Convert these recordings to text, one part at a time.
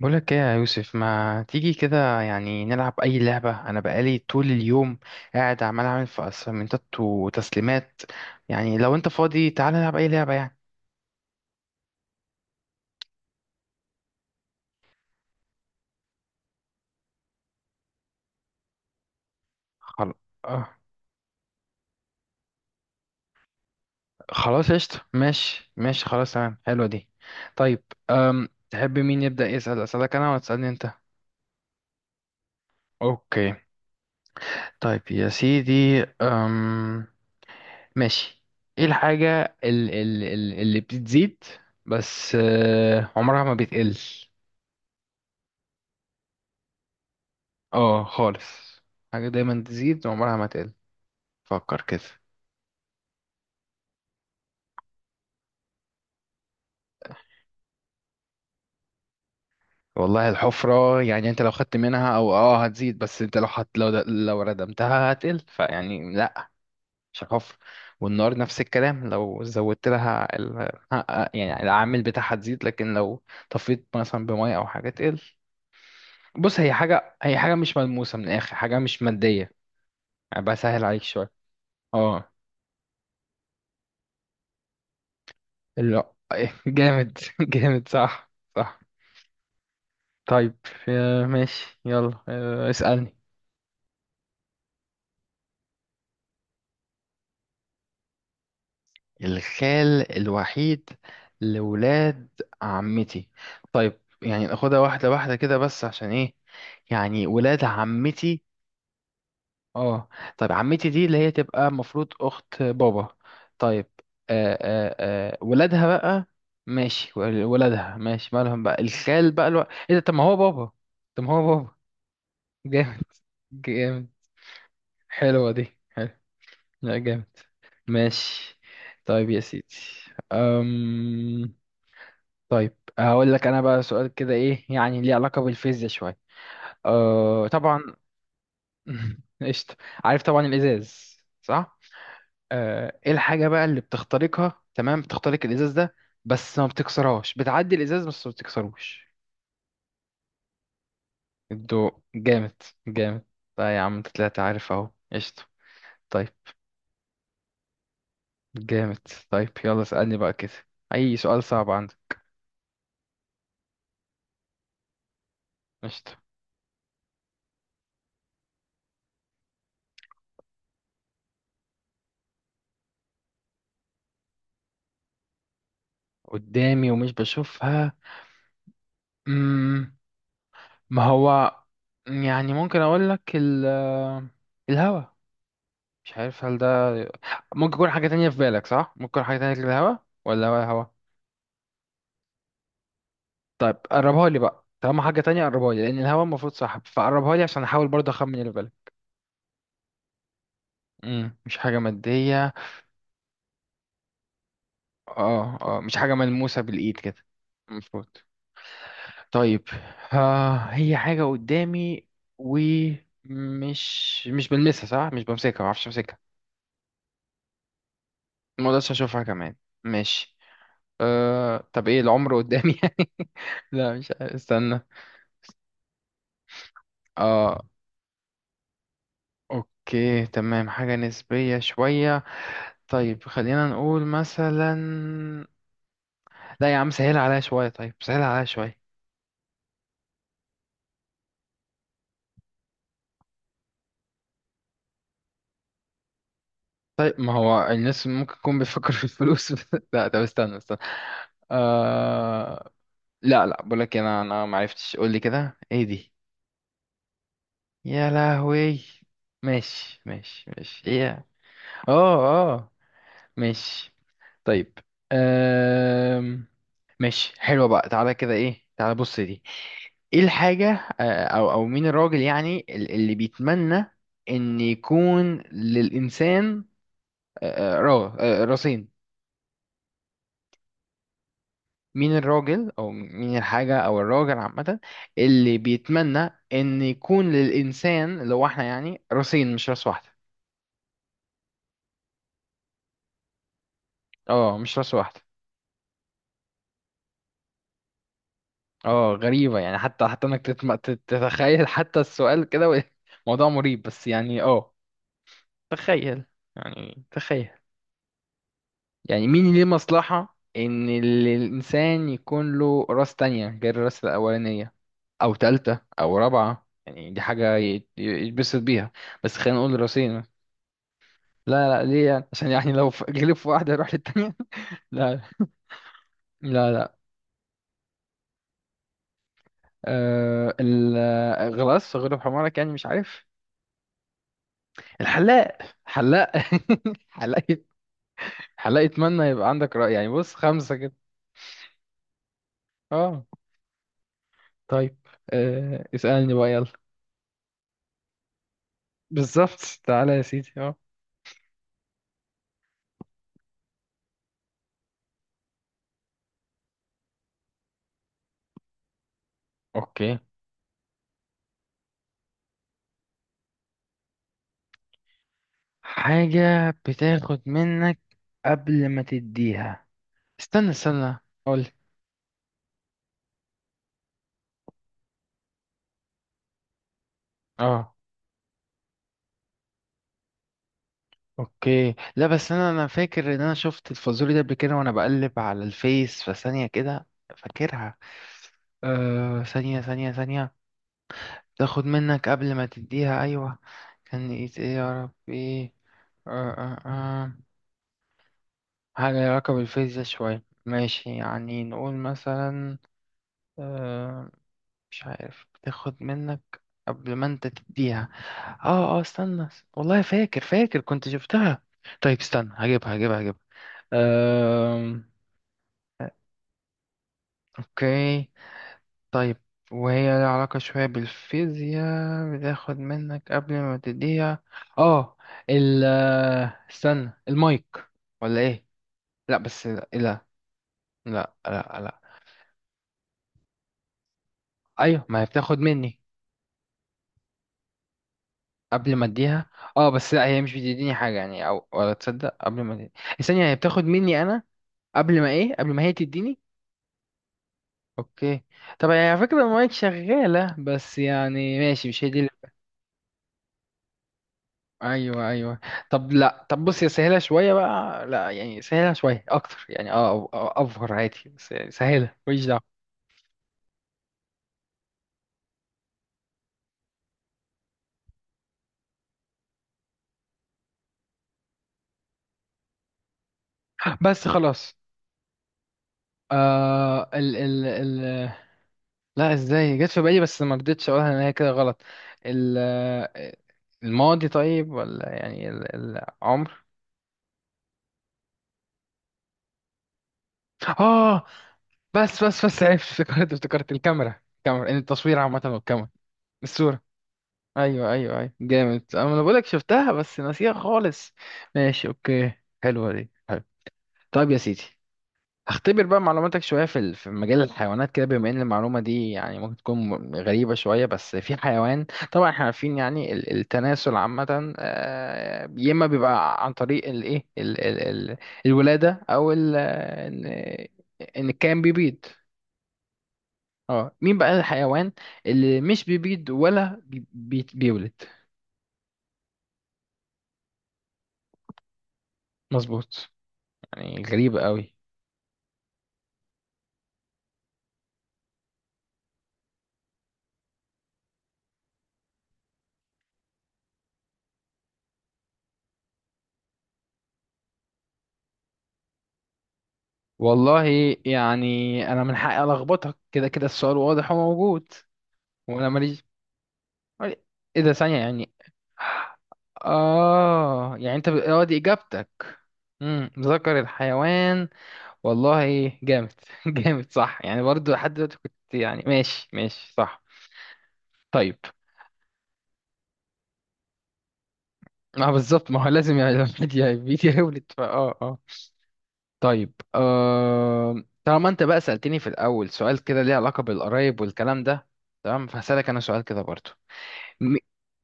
بقولك ايه يا يوسف؟ ما تيجي كده يعني نلعب اي لعبة؟ انا بقالي طول اليوم قاعد عمال اعمل في اسايمنتات وتسليمات. يعني لو انت فاضي تعال نلعب اي لعبة يعني. خل... آه. خلاص قشطة، ماشي ماشي خلاص، تمام، حلوة دي. طيب، تحب مين يبدأ يسأل؟ اسألك انا ولا تسألني انت؟ اوكي. طيب يا سيدي، ماشي. ايه الحاجة اللي بتزيد بس عمرها ما بتقل؟ اه خالص. حاجة دايما تزيد وعمرها ما تقل، فكر كده. والله الحفرة يعني انت لو خدت منها او اه هتزيد، بس انت لو حط لو ردمتها هتقل، فيعني لا، مش الحفرة. والنار نفس الكلام، لو زودت لها يعني العامل بتاعها تزيد، لكن لو طفيت مثلا بمية او حاجة تقل. بص، هي حاجة مش ملموسة، من الاخر حاجة مش مادية. يعني بسهل عليك شوية. اه. لا. جامد جامد، صح صح. طيب، ماشي يلا، اسألني. الخال الوحيد لولاد عمتي. طيب يعني ناخدها واحدة واحدة كده، بس عشان ايه؟ يعني ولاد عمتي. اه. طيب عمتي دي اللي هي تبقى المفروض أخت بابا. طيب. آه آه. آه ولادها بقى، ماشي. ولادها، ماشي، مالهم بقى الخال بقى ايه ده؟ طب ما هو بابا، طب ما هو بابا. جامد. جامد. حلوة دي، حلو. لا جامد. ماشي. طيب يا سيدي، أم... طيب هقول لك انا بقى سؤال كده، ايه يعني ليه علاقة بالفيزياء شوية. طبعا. قشطة. عارف طبعا الازاز، صح. ايه الحاجة بقى اللي بتخترقها تمام، بتخترق الازاز ده بس ما بتكسرهاش، بتعدي الازاز بس ما بتكسروش؟ الضوء. جامد. جامد. لا يا عم انت طلعت عارف اهو، قشطة. طيب. جامد. طيب يلا اسألني بقى كده، اي سؤال صعب عندك. قشطة. قدامي ومش بشوفها. مم. ما هو، يعني ممكن اقول لك الهوا، مش عارف هل ده ممكن يكون حاجة تانية في بالك، صح؟ ممكن يكون حاجة تانية غير الهوا، ولا هو الهوا؟ طيب قربها لي بقى، طالما حاجة تانية قربها لي، لأن الهوا المفروض صح، فقربها لي عشان أحاول برضه أخمن اللي في بالك. مم. مش حاجة مادية. اه اه، مش حاجة ملموسة بالإيد كده المفروض. طيب، آه هي حاجة قدامي ومش مش بلمسها صح، مش بمسكها، ما اعرفش امسكها. مقدرش اشوفها كمان، ماشي. طب ايه، العمر قدامي يعني؟ لا مش عارف، استنى. اه. اوكي تمام، حاجة نسبية شوية. طيب خلينا نقول مثلا، لا يا عم سهل عليا شوية، طيب سهل عليا شوية. طيب ما هو الناس ممكن يكون بيفكر في الفلوس. لا طب استنى استنى. آه... لا لا، بقولك انا معرفتش، قول لي كده ايه دي. يا لهوي. ماشي ماشي ماشي، ايه. اه اه. ماشي. طيب، أم... ماشي، حلوة بقى، تعالى كده، ايه، تعالى بص دي ايه الحاجة، او او مين الراجل يعني اللي بيتمنى ان يكون للإنسان، آه، آه، را آه، راسين؟ مين الراجل او مين الحاجة او الراجل عامة اللي بيتمنى ان يكون للإنسان اللي هو احنا يعني راسين، مش راس واحدة؟ اه، مش راس واحدة. اه، غريبة يعني، حتى انك تتخيل حتى السؤال كده موضوع مريب، بس يعني اه، تخيل يعني، تخيل يعني. مين ليه مصلحة ان الانسان يكون له راس تانية غير الراس الاولانية، او تالتة او رابعة؟ يعني دي حاجة يتبسط بيها. بس خلينا نقول راسين. لا لا، ليه يعني؟ عشان يعني لو غلب في واحدة يروح للتانية. لا. لا لا. أه الغلاس غلب حمارك، يعني مش عارف. الحلاق، حلاق حلاق. حلاق يتمنى يبقى عندك رأي يعني، بص خمسة كده. اه. طيب. آه اسألني بقى يلا. بالظبط، تعالى يا سيدي، اه. اوكي. حاجة بتاخد منك قبل ما تديها. استنى استنى. قول. اه. اوكي. لا بس انا فاكر ان انا شفت الفازوري ده قبل كده وانا بقلب على الفيس، فثانية كده، فاكرها. آه ثانية ثانية ثانية. تاخد منك قبل ما تديها، أيوة. كان إيه إيه يا ربي؟ آه آه آه. حاجة ليها علاقة بالفيزياء شوية، ماشي، يعني نقول مثلا. آه، مش عارف، بتاخد منك قبل ما انت تديها. اه اه، استنى. والله فاكر فاكر كنت شفتها. طيب استنى هجيبها هجيبها هجيبها. آه. اوكي. طيب، وهي لها علاقة شوية بالفيزياء، بتاخد منك قبل ما تديها. اه، ال آه، استنى، المايك ولا ايه؟ لا بس لا لا. لا لا, لا. ايوه، ما هي بتاخد مني قبل ما اديها. اه بس لا، هي مش بتديني حاجة يعني، او ولا تصدق قبل ما تديني الثانية، هي بتاخد مني انا قبل ما ايه، قبل ما هي تديني. اوكي. طب هي على فكرة المايك شغالة، بس يعني ماشي، مش هي دي. ايوه ايوه. طب لا، طب بص، يا سهله شويه بقى، لا يعني سهله شويه اكتر يعني اه، افور عادي، بس يعني سهله، ماليش دعوه. بس خلاص. آه ال. لا ازاي جت في بالي بس ما رضيتش اقولها، ان هي كده غلط. ال الماضي، طيب، ولا يعني العمر. اه. بس بس بس عرفت، افتكرت افتكرت الكاميرا الكاميرا، ان التصوير عامه والكاميرا. الصوره، ايوه ايوه ايوه جامد، انا بقول لك شفتها بس ناسيها خالص. ماشي، اوكي. حلوه دي، حلو. طيب يا سيدي، هختبر بقى معلوماتك شويه في في مجال الحيوانات كده، بما ان المعلومه دي يعني ممكن تكون غريبه شويه، بس في حيوان. طبعا احنا عارفين يعني التناسل عامه، يا اما بيبقى عن طريق الايه الولاده او ان ان كان بيبيض. اه مين بقى الحيوان اللي مش بيبيض ولا بيولد؟ مظبوط. يعني غريبة قوي. والله يعني انا من حقي الخبطك، كده كده السؤال واضح وموجود وانا ماليش. ايه ده، ثانية يعني. اه، يعني انت اه دي اجابتك؟ ذكر الحيوان. والله جامد، جامد، صح يعني برضو، لحد دلوقتي كنت يعني ماشي ماشي صح. طيب، ما هو بالظبط، ما هو لازم يعني الواحد بيتي يولد، فاه اه آه. طيب، طالما انت بقى سألتني في الأول سؤال كده ليه علاقة بالقرايب والكلام ده، تمام، فهسألك أنا سؤال كده برضو. م...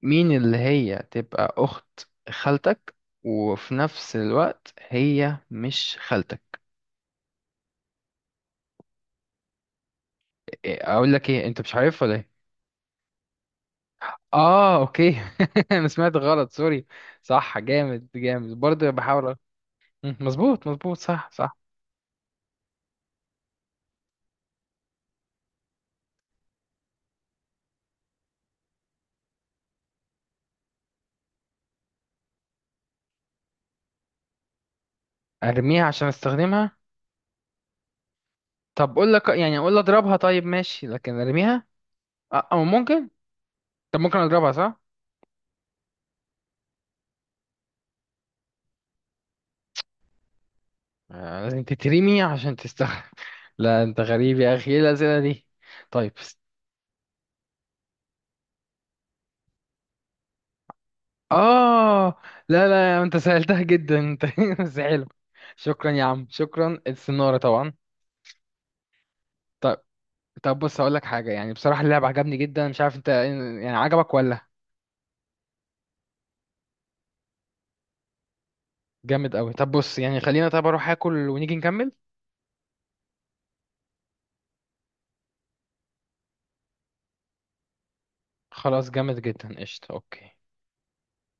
مين اللي هي تبقى أخت خالتك وفي نفس الوقت هي مش خالتك؟ إيه، أقول لك إيه، أنت مش عارفها ولا إيه؟ آه، أوكي. أنا سمعت غلط، سوري. صح، جامد جامد برضو، بحاول مم، مظبوط مظبوط، صح صح. أرميها عشان أستخدمها؟ طب أقول لك، يعني أقول أضربها طيب ماشي، لكن أرميها؟ أه، أو ممكن. طب ممكن اضربها صح؟ آه، لازم تترمي عشان تستخدم. لا انت غريب يا اخي، ايه الاسئله دي؟ طيب. اه. لا لا، انت سألتها جدا انت بس حلو. شكرا يا عم شكرا، السنارة طبعا. طب. طب بص هقول لك حاجة، يعني بصراحة اللعب عجبني جدا، مش عارف انت يعني عجبك ولا. جامد قوي. طب بص يعني خلينا، طب اروح اكل ونيجي نكمل. خلاص، جامد جدا، قشطة، اوكي.